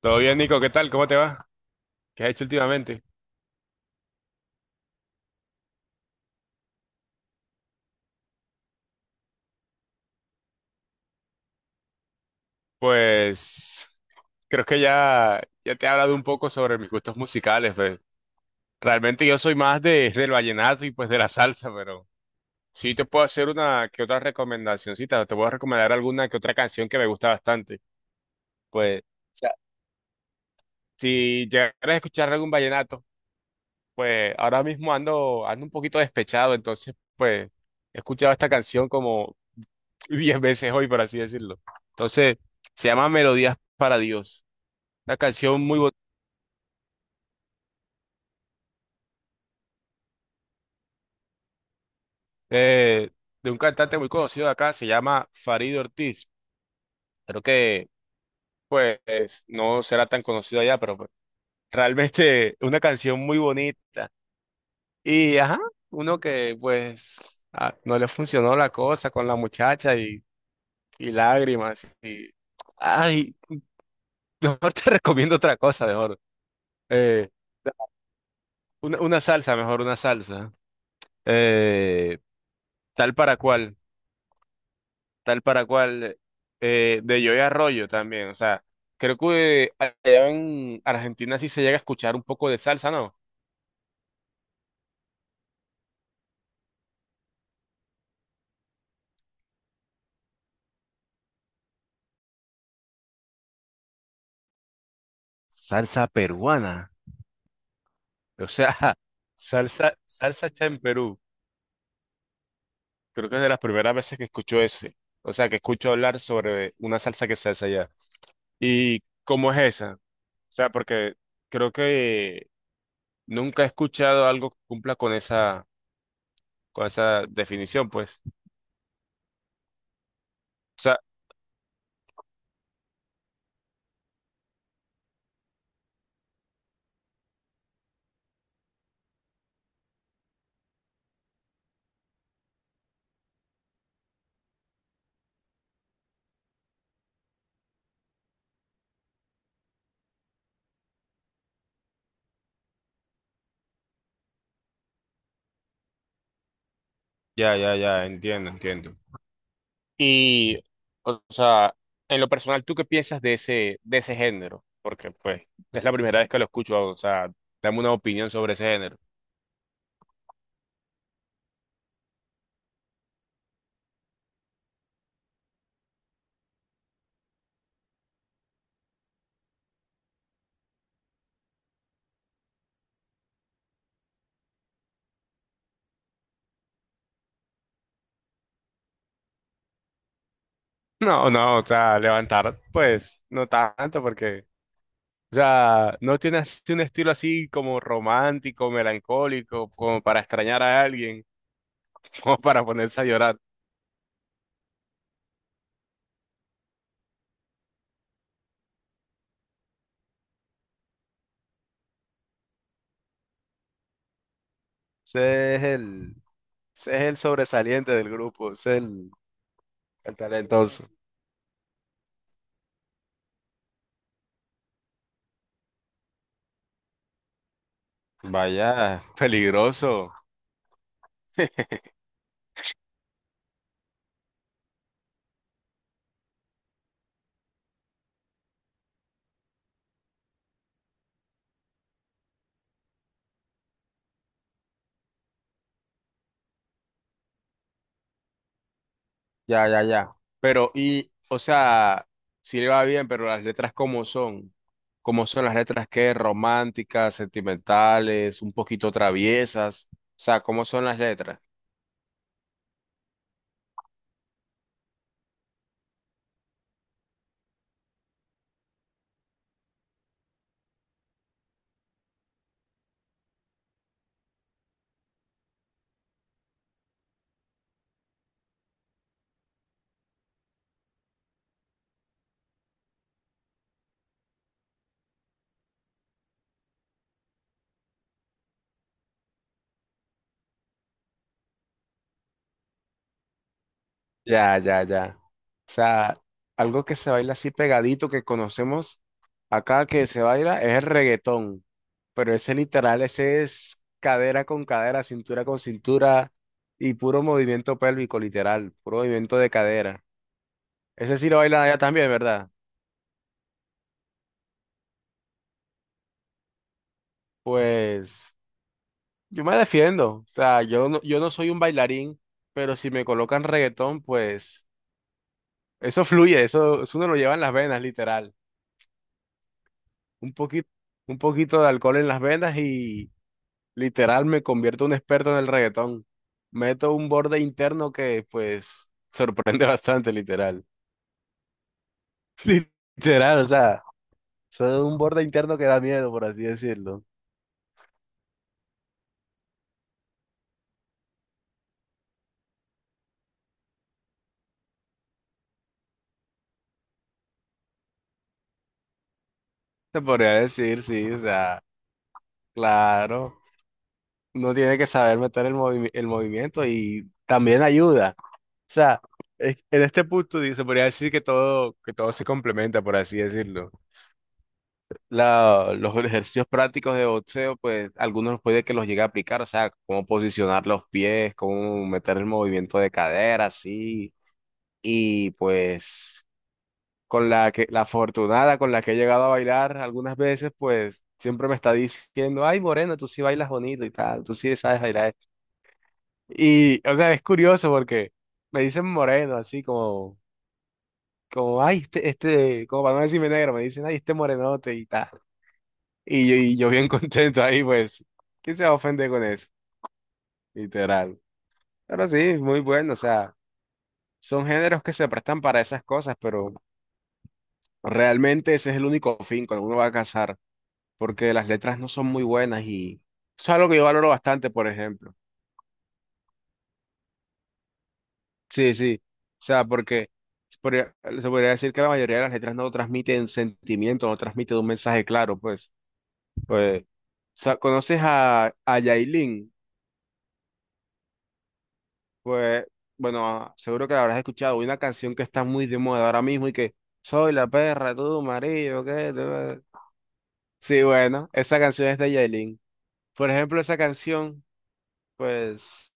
Todo bien, Nico, ¿qué tal? ¿Cómo te va? ¿Qué has hecho últimamente? Pues creo que ya te he hablado un poco sobre mis gustos musicales, pues. Realmente yo soy más del vallenato y pues de la salsa, pero sí te puedo hacer una que otra recomendacioncita, te puedo recomendar alguna que otra canción que me gusta bastante. Pues, o sea, si llegaras a escuchar algún vallenato, pues ahora mismo ando un poquito despechado, entonces pues he escuchado esta canción como 10 veces hoy, por así decirlo. Entonces, se llama Melodías para Dios. Una canción muy bo- eh, de un cantante muy conocido de acá, se llama Farid Ortiz. Creo que pues no será tan conocido allá, pero pues, realmente una canción muy bonita. Y ajá, uno que pues no le funcionó la cosa con la muchacha y lágrimas y ay, mejor te recomiendo otra cosa, mejor. Eh, una salsa, mejor una salsa. Eh, Tal para cual, tal para cual. De Joey Arroyo también. O sea, creo que allá en Argentina sí se llega a escuchar un poco de salsa, ¿no? Salsa peruana. O sea, salsa, salsa hecha en Perú. Creo que es de las primeras veces que escucho ese. O sea, que escucho hablar sobre una salsa que se hace allá. ¿Y cómo es esa? O sea, porque creo que nunca he escuchado algo que cumpla con esa definición, pues. O sea, ya, ya, ya, entiendo, entiendo. Y, o sea, en lo personal, ¿tú qué piensas de ese género? Porque, pues, es la primera vez que lo escucho, o sea, dame una opinión sobre ese género. No, no, o sea, levantar, pues, no tanto, porque, o sea, no tiene así un estilo así como romántico, melancólico, como para extrañar a alguien, como para ponerse a llorar. Ese es el, Ese es el sobresaliente del grupo, ese es el talentoso. Vaya, peligroso. Ya, ya, ya. Pero, y, o sea, sí le va bien, pero las letras cómo son las letras qué románticas, sentimentales, un poquito traviesas, o sea, cómo son las letras. Ya, ya, ya. O sea, algo que se baila así pegadito que conocemos acá que se baila es el reggaetón, pero ese literal, ese es cadera con cadera, cintura con cintura y puro movimiento pélvico, literal, puro movimiento de cadera. Ese sí lo baila allá también, ¿verdad? Pues yo me defiendo, o sea, yo no soy un bailarín, pero si me colocan reggaetón, pues eso fluye, eso uno lo lleva en las venas, literal. un poquito, un poquito de alcohol en las venas y literal me convierto en un experto en el reggaetón. Meto un borde interno que pues sorprende bastante, literal. Literal, o sea, soy un borde interno que da miedo, por así decirlo. Se podría decir, sí, o sea, claro, uno tiene que saber meter el movimiento y también ayuda. O sea, en este punto se podría decir que todo se complementa, por así decirlo. Los ejercicios prácticos de boxeo, pues algunos puede que los llegue a aplicar, o sea, cómo posicionar los pies, cómo meter el movimiento de cadera, así. Y pues con la que la afortunada con la que he llegado a bailar algunas veces, pues siempre me está diciendo, ay, Moreno, tú sí bailas bonito y tal, tú sí sabes bailar. Esto. Y, o sea, es curioso porque me dicen Moreno, así como, ay, este, como para no decirme negro, me dicen, ay, este morenote y tal. Y yo bien contento ahí, pues, ¿quién se va a ofender con eso? Literal. Pero sí, muy bueno, o sea, son géneros que se prestan para esas cosas, pero realmente ese es el único fin cuando uno va a casar, porque las letras no son muy buenas y eso es algo que yo valoro bastante, por ejemplo. Sí, sí, o sea, porque se podría se podría decir que la mayoría de las letras no transmiten sentimiento, no transmiten un mensaje claro, pues. Pues, o sea, ¿conoces a Yailin? Pues, bueno, seguro que la habrás escuchado. Una canción que está muy de moda ahora mismo y que soy la perra, tú, marido, ¿qué? Sí, bueno, esa canción es de Yailin. Por ejemplo, esa canción, pues,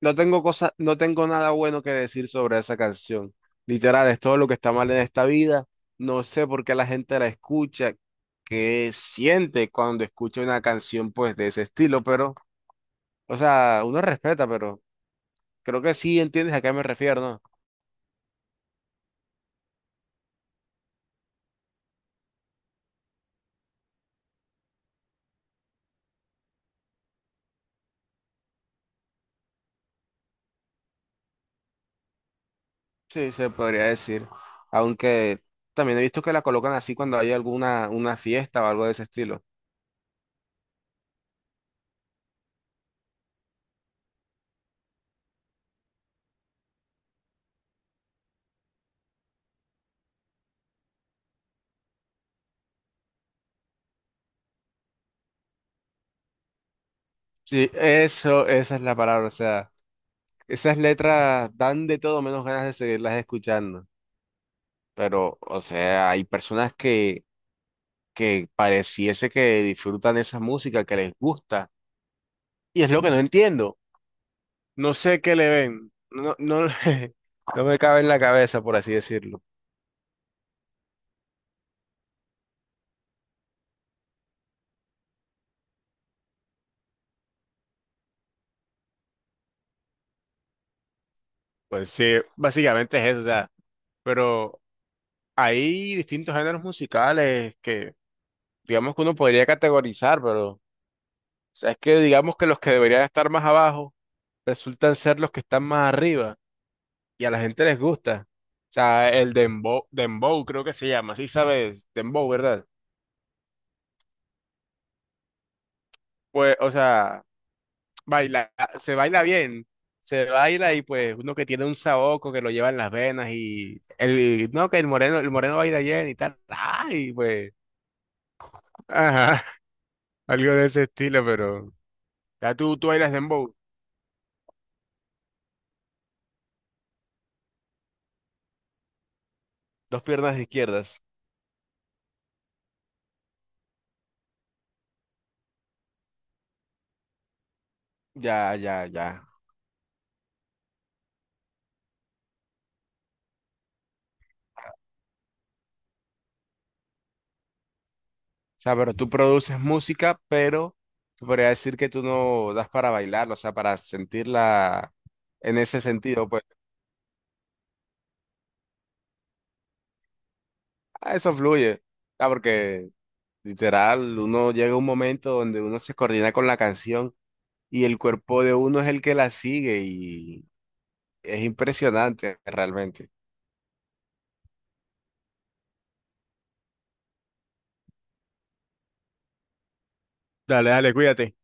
no tengo cosa, no tengo nada bueno que decir sobre esa canción. Literal, es todo lo que está mal en esta vida. No sé por qué la gente la escucha, qué siente cuando escucha una canción, pues, de ese estilo, pero, o sea, uno respeta, pero creo que sí entiendes a qué me refiero, ¿no? Sí, se podría decir. Aunque también he visto que la colocan así cuando hay alguna una fiesta o algo de ese estilo. Sí, eso, esa es la palabra. O sea, esas letras dan de todo menos ganas de seguirlas escuchando. Pero, o sea, hay personas que pareciese que disfrutan esa música, que les gusta. Y es lo que no entiendo. No sé qué le ven. No, no, no me cabe en la cabeza, por así decirlo. Pues sí, básicamente es eso. O sea, pero. Hay distintos géneros musicales que, digamos que uno podría categorizar, pero, o sea, es que digamos que los que deberían estar más abajo resultan ser los que están más arriba y a la gente les gusta. O sea, el dembow, dembow creo que se llama, sí sabes, dembow, ¿verdad? Pues, o sea, baila, se baila bien, se baila y pues uno que tiene un saoco que lo lleva en las venas y el, no, que el moreno baila bien y tal, ay, pues, ajá, algo de ese estilo, pero. Ya tú bailas dembow. Dos piernas izquierdas. Ya, ya, ya. O sea, pero tú produces música, pero tú podría decir que tú no das para bailar, o sea, para sentirla en ese sentido, pues eso fluye. Ah, porque literal, uno llega a un momento donde uno se coordina con la canción y el cuerpo de uno es el que la sigue y es impresionante realmente. Dale, dale, cuídate.